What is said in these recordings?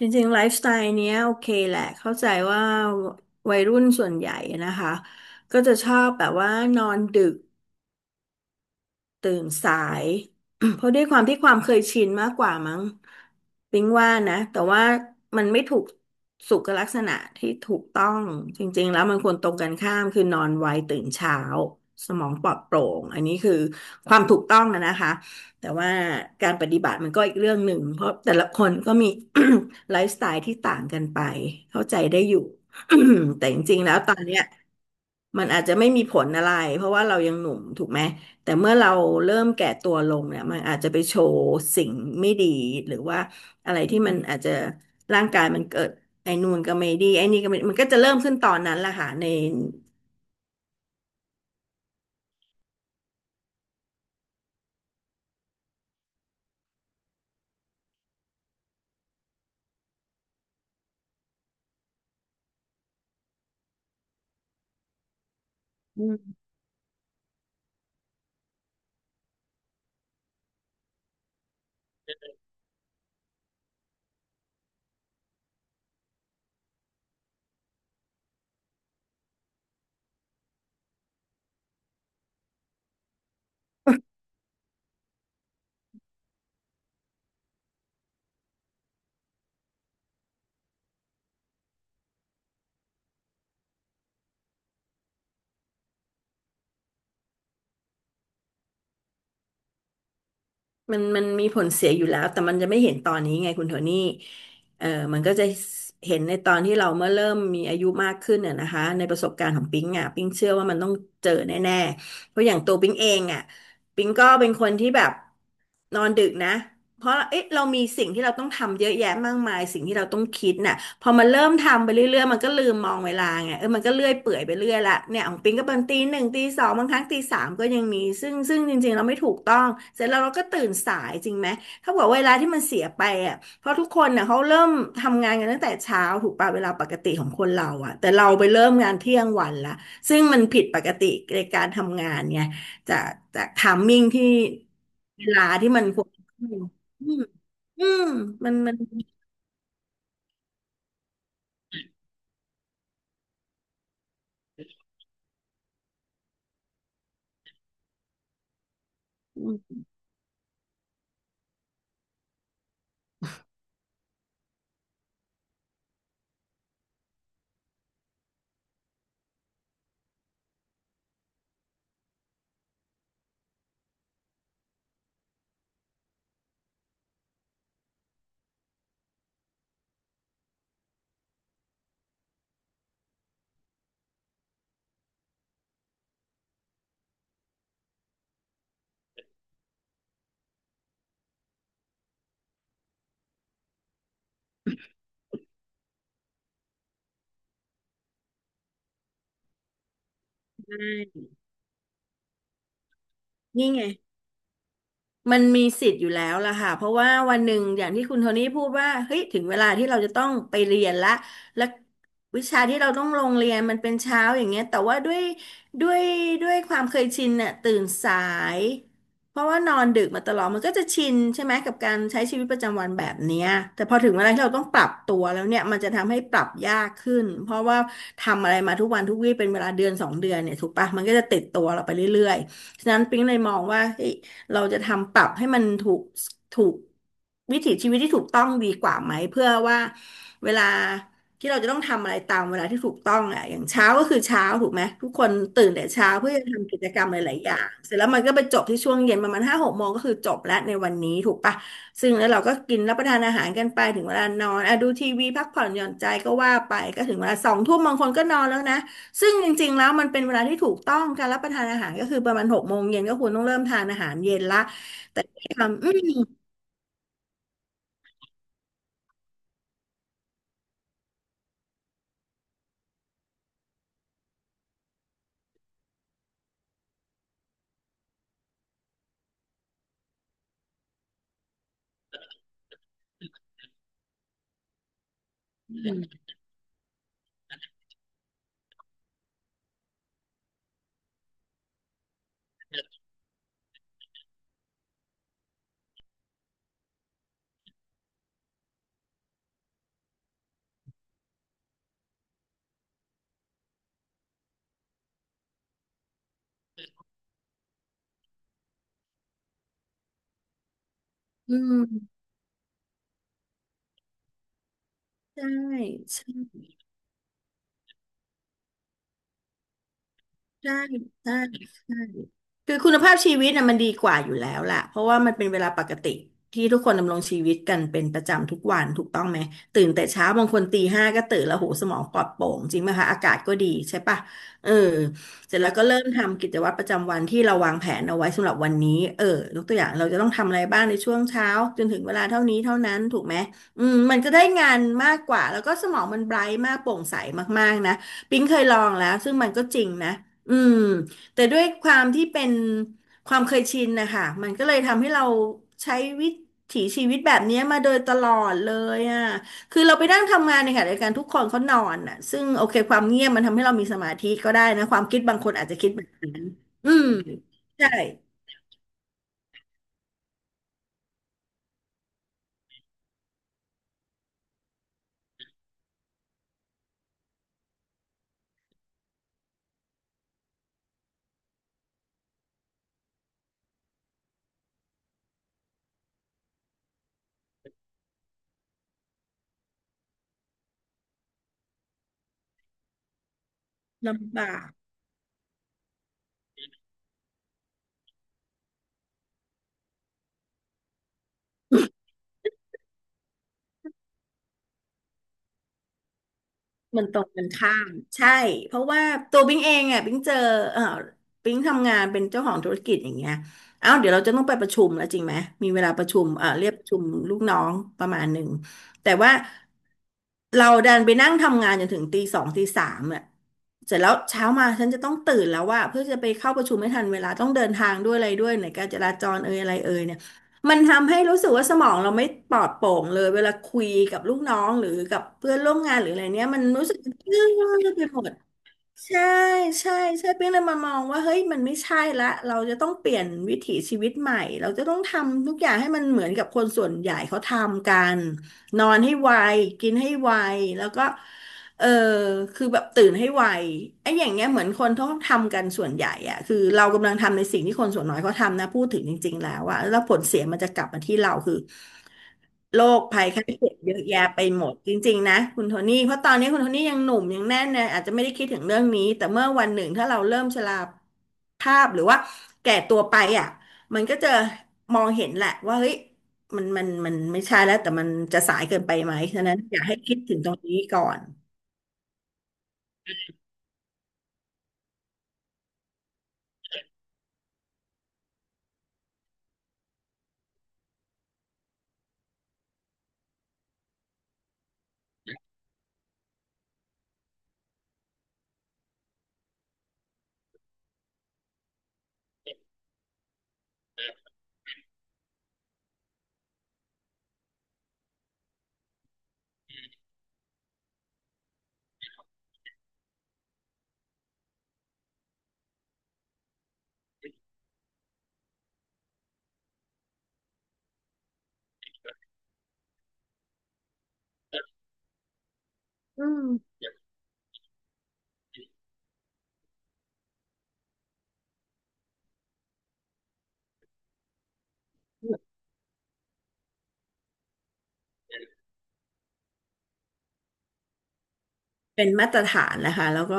จริงๆไลฟ์สไตล์เนี้ยโอเคแหละเข้าใจว่าวัยรุ่นส่วนใหญ่นะคะก็จะชอบแบบว่านอนดึก ตื่นสาย เพราะด้วยความที่ความเคยชินมากกว่ามั้งปิ๊งว่านะแต่ว่ามันไม่ถูกสุขลักษณะที่ถูกต้องจริงๆแล้วมันควรตรงกันข้ามคือนอนไวตื่นเช้าสมองปลอดโปร่งอันนี้คือความถูกต้องอะนะคะแต่ว่าการปฏิบัติมันก็อีกเรื่องหนึ่งเพราะแต่ละคนก็มี ไลฟ์สไตล์ที่ต่างกันไปเข้าใจได้อยู่ แต่จริงๆแล้วตอนเนี้ยมันอาจจะไม่มีผลอะไรเพราะว่าเรายังหนุ่มถูกไหม แต่เมื่อเราเริ่มแก่ตัวลงเนี่ยมันอาจจะไปโชว์สิ่งไม่ดีหรือว่าอะไรที่มันอาจจะร่างกายมันเกิดไอ้นู่นก็ไม่ดีไอ้นี่ก็ไม่มันก็จะเริ่มขึ้นตอนนั้นแหละค่ะในอืมมันมีผลเสียอยู่แล้วแต่มันจะไม่เห็นตอนนี้ไงคุณโทนี่เออมันก็จะเห็นในตอนที่เราเมื่อเริ่มมีอายุมากขึ้นน่ะนะคะในประสบการณ์ของปิ๊งอ่ะปิ๊งเชื่อว่ามันต้องเจอแน่ๆเพราะอย่างตัวปิ๊งเองอ่ะปิ๊งก็เป็นคนที่แบบ นอนดึกนะเพราะเอ๊ะเรามีสิ่งที่เราต้องทำเยอะแยะมากมายสิ่งที่เราต้องคิดน่ะพอมันเริ่มทำไปเรื่อยๆมันก็ลืมมองเวลาไงเออมันก็เลื่อยเปื่อยไปเรื่อยละเนี่ยของปิงก็เป็นตีหนึ่งตีสองบางครั้งตีสามก็ยังมีซึ่งจริงๆเราไม่ถูกต้องเสร็จแล้วเราก็ตื่นสายจริงไหมถ้าบอกเวลาที่มันเสียไปอ่ะเพราะทุกคนน่ะเขาเริ่มทำงานกันตั้งแต่เช้าถูกป่ะเวลาปกติของคนเราอ่ะแต่เราไปเริ่มงานเที่ยงวันละซึ่งมันผิดปกติในการทำงานไง จากไทมิ่งที่เวลาที่มันควรจะขึ้นอืมอืมมันมันอืมได้นี่ไง มันมีสิทธิ์อยู่แล้วล่ะค่ะเพราะว่าวันหนึ่งอย่างที่คุณโทนี่พูดว่าเฮ้ยถึงเวลาที่เราจะต้องไปเรียนละและวิชาที่เราต้องลงเรียนมันเป็นเช้าอย่างเงี้ยแต่ว่าด้วยด้วยความเคยชินน่ะตื่นสายเพราะว่านอนดึกมาตลอดมันก็จะชินใช่ไหมกับการใช้ชีวิตประจำวันแบบเนี้ยแต่พอถึงเวลาที่เราต้องปรับตัวแล้วเนี่ยมันจะทำให้ปรับยากขึ้นเพราะว่าทำอะไรมาทุกวันทุกวี่เป็นเวลาเดือนสองเดือนเนี่ยถูกปะมันก็จะติดตัวเราไปเรื่อยๆฉะนั้นปิ๊งเลยมองว่าเฮ้ย เราจะทำปรับให้มันถูกวิถีชีวิตที่ถูกต้องดีกว่าไหมเพื่อว่าเวลาที่เราจะต้องทำอะไรตามเวลาที่ถูกต้องอ่ะอย่างเช้าก็คือเช้าถูกไหมทุกคนตื่นแต่เช้าเพื่อจะทำกิจกรรมหลายๆอย่างเสร็จแล้วมันก็ไปจบที่ช่วงเย็นประมาณห้าหกโมงก็คือจบแล้วในวันนี้ถูกปะซึ่งแล้วเราก็กินรับประทานอาหารกันไปถึงเวลานอนอ่ะดูทีวีพักผ่อนหย่อนใจก็ว่าไปก็ถึงเวลาสองทุ่มบางคนก็นอนแล้วนะ ซึ่งจริงๆแล้วมันเป็นเวลาที่ถูกต้องการรับประทานอาหารก็คือประมาณหกโมงเย็นก็ควรต้องเริ่มทานอาหารเย็นละแต่ด้ความอืมอืมใช่ใช่ ใช่ใช่ใช่คือคุณภาพชีวิตน่ะมันดีกว่าอยู่แล้วล่ะเพราะว่ามันเป็นเวลาปกติที่ทุกคนดำรงชีวิตกันเป็นประจำทุกวันถูกต้องไหม ตื่นแต่เช้าบางคนตีห้าก็ตื่นแล้วโหสมองปลอดโปร่งจริงไหมคะอากาศก็ดีใช่ปะเออเสร็จแล้วก็เริ่มทำกิจวัตรประจำวันที่เราวางแผนเอาไว้สำหรับวันนี้เออยกตัวอย่างเราจะต้องทำอะไรบ้างในช่วงเช้าจนถึงเวลาเท่านี้เท่านั้นถูกไหมมันก็ได้งานมากกว่าแล้วก็สมองมันไบรท์มากโปร่งใสมากๆนะปิ๊งเคยลองแล้วซึ่งมันก็จริงนะ อืมแต่ด้วยความที่เป็นความเคยชินนะคะมันก็เลยทำให้เราใช้วิถีชีวิตแบบนี้มาโดยตลอดเลยอ่ะคือเราไปนั่งทำงานในขณะเดียวกันทุกคนเขานอนอ่ะซึ่งโอเคความเงียบมันทำให้เรามีสมาธิก็ได้นะความคิดบางคนอาจจะคิดแบบนั้นอืมใช่ลำบาก มันตรงกันข้ามใช่เพราะว่าตัวบิงเองอ่ะบิงเจอเออบิงทำงานเป็นเจ้าของธุรกิจอย่างเงี้ยเอ้าเดี๋ยวเราจะต้องไปประชุมแล้วจริงไหมมีเวลาประชุมเรียกประชุมลูกน้องประมาณหนึ่งแต่ว่าเราดันไปนั่งทำงานจนถึงตีสองตีสามอ่ะเสร็จแล้วเช้ามาฉันจะต้องตื่นแล้วว่าเพื่อจะไปเข้าประชุมไม่ทันเวลาต้องเดินทางด้วยอะไรด้วยไหนการจราจรเอ่ยอะไรเอ่ย มันทำให้รู้สึกว่าสมองเราไม่ปลอดโปร่งเลยเวลาคุยกับลูกน้องหรือกับเพื่อนร่วมงานหรืออะไรเนี้ยมันรู้สึกเยอะไปหมด ใช่ใช่ใช่เพียงเลยมามองว่าเฮ้ยมันไม่ใช่ละเราจะต้องเปลี่ยนวิถีชีวิตใหม่เราจะต้องทำทุกอย่างให้มันเหมือนกับคนส่วนใหญ่เขาทำกันนอนให้ไวกินให้ไวแล้วก็เออคือแบบตื่นให้ไวไอ้อย่างเงี้ยเหมือนคนเขาทำกันส่วนใหญ่อะคือเรากำลังทำในสิ่งที่คนส่วนน้อยเขาทำนะพูดถึงจริงๆแล้วอะแล้วผลเสียมันจะกลับมาที่เราคือ โรคภัยไข้เจ็บเยอะแยะไปหมดจริงๆนะคุณโทนี่เพราะตอนนี้คุณโทนี่ยังหนุ่มยังแน่นเลยอาจจะไม่ได้คิดถึงเรื่องนี้แต่เมื่อวันหนึ่งถ้าเราเริ่มชราภาพหรือว่าแก่ตัวไปอ่ะมันก็จะมองเห็นแหละว่าเฮ้ยมันไม่ใช่แล้วแต่มันจะสายเกินไปไหมฉะนั้นอยากให้คิดถึงตรงนี้ก่อน เป็นมาตรฐานนะคะแล้วก็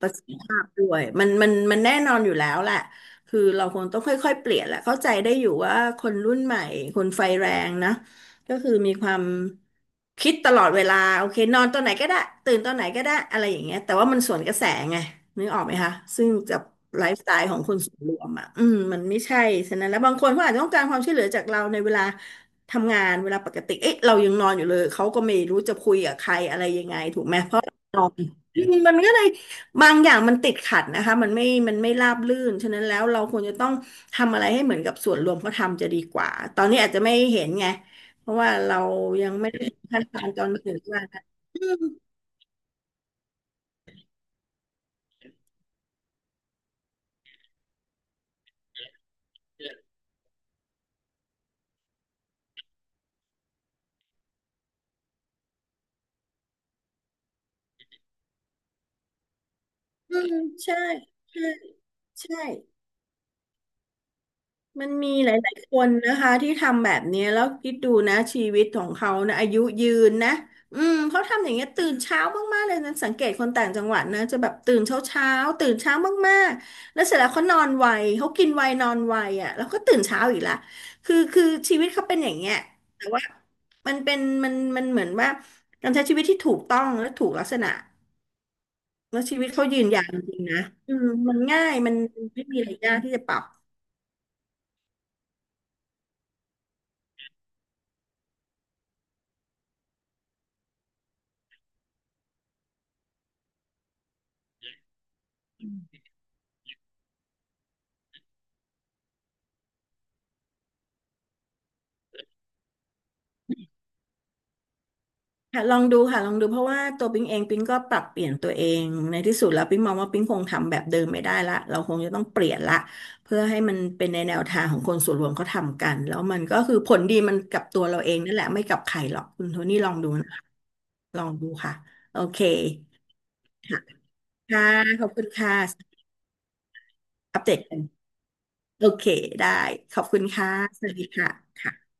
ประสิทธิภาพด้วยมันแน่นอนอยู่แล้วแหละคือเราคงต้องค่อยๆเปลี่ยนแหละเข้าใจได้อยู่ว่าคนรุ่นใหม่คนไฟแรงนะก็คือมีความคิดตลอดเวลาโอเคนอนตอนไหนก็ได้ตื่นตอนไหนก็ได้อะไรอย่างเงี้ยแต่ว่ามันสวนกระแสไงนึกออกไหมคะซึ่งกับไลฟ์สไตล์ของคนส่วนรวมอ่ะอืมมันไม่ใช่ฉะนั้นแล้วบางคนเขาอาจจะต้องการความช่วยเหลือจากเราในเวลา ทำงานเวลาปกติเอ๊ะเรายังนอนอยู่เลยเขาก็ไม่รู้จะคุยกับใครอะไรยังไงถูกไหมเพราะเรานอนอืมมันก็เลยบางอย่างมันติดขัดนะคะมันไม่ราบรื่นฉะนั้นแล้วเราควรจะต้องทำอะไรให้เหมือนกับส่วนรวมเขาทำจะดีกว่าตอนนี้อาจจะไม่เห็นไงเพราะว่าเรายังไม่ได้ถึงขั้นตอนจนถึงว่าอืมอืมใช่ใช่ใช่ มันมีหลายๆคนนะคะที่ทำแบบเนี้ยแล้วคิดดูนะชีวิตของเขานะอายุยืนนะอืมเขาทำอย่างเงี้ยตื่นเช้ามากๆเลยนะสังเกตคนต่างจังหวัดนะจะแบบตื่นเช้าเช้าตื่นเช้ามากๆแล้วเสร็จแล้วเขานอนไวเขากินไวนอนไวอ่ะแล้วก็ตื่นเช้าอีกละคือชีวิตเขาเป็นอย่างเงี้ยแต่ว่ามันเป็นมันเหมือนว่าการใช้ชีวิตที่ถูกต้องและถูกลักษณะแล้วชีวิตเขายืนยาวจริงๆนะอืมมันง่ายมันไม่มีอะไรยากที่จะปรับ ค่ะลองดูค่ะลองดูเพราะว่าตัวปิ๊งเองปิ๊งก็ปรับเปลี่ยนตัวเองในที่สุดแล้วปิ๊งมองว่าปิ๊งคงทำแบบเดิมไม่ได้ละเราคงจะต้องเปลี่ยนละเพื่อให้มันเป็นในแนวทางของคนส่วนรวมเขาทำกันแล้วมันก็คือผลดีมันกับตัวเราเองนั่นแหละไม่กับใครหรอกคุณโทนี่ลองดูนะคะลองดูค่ะโอเคค่ะค่ะขอบคุณค่ะอัปเดตกันโอเคได้ขอบคุณค่ะสวัสดีค่ะค่ะ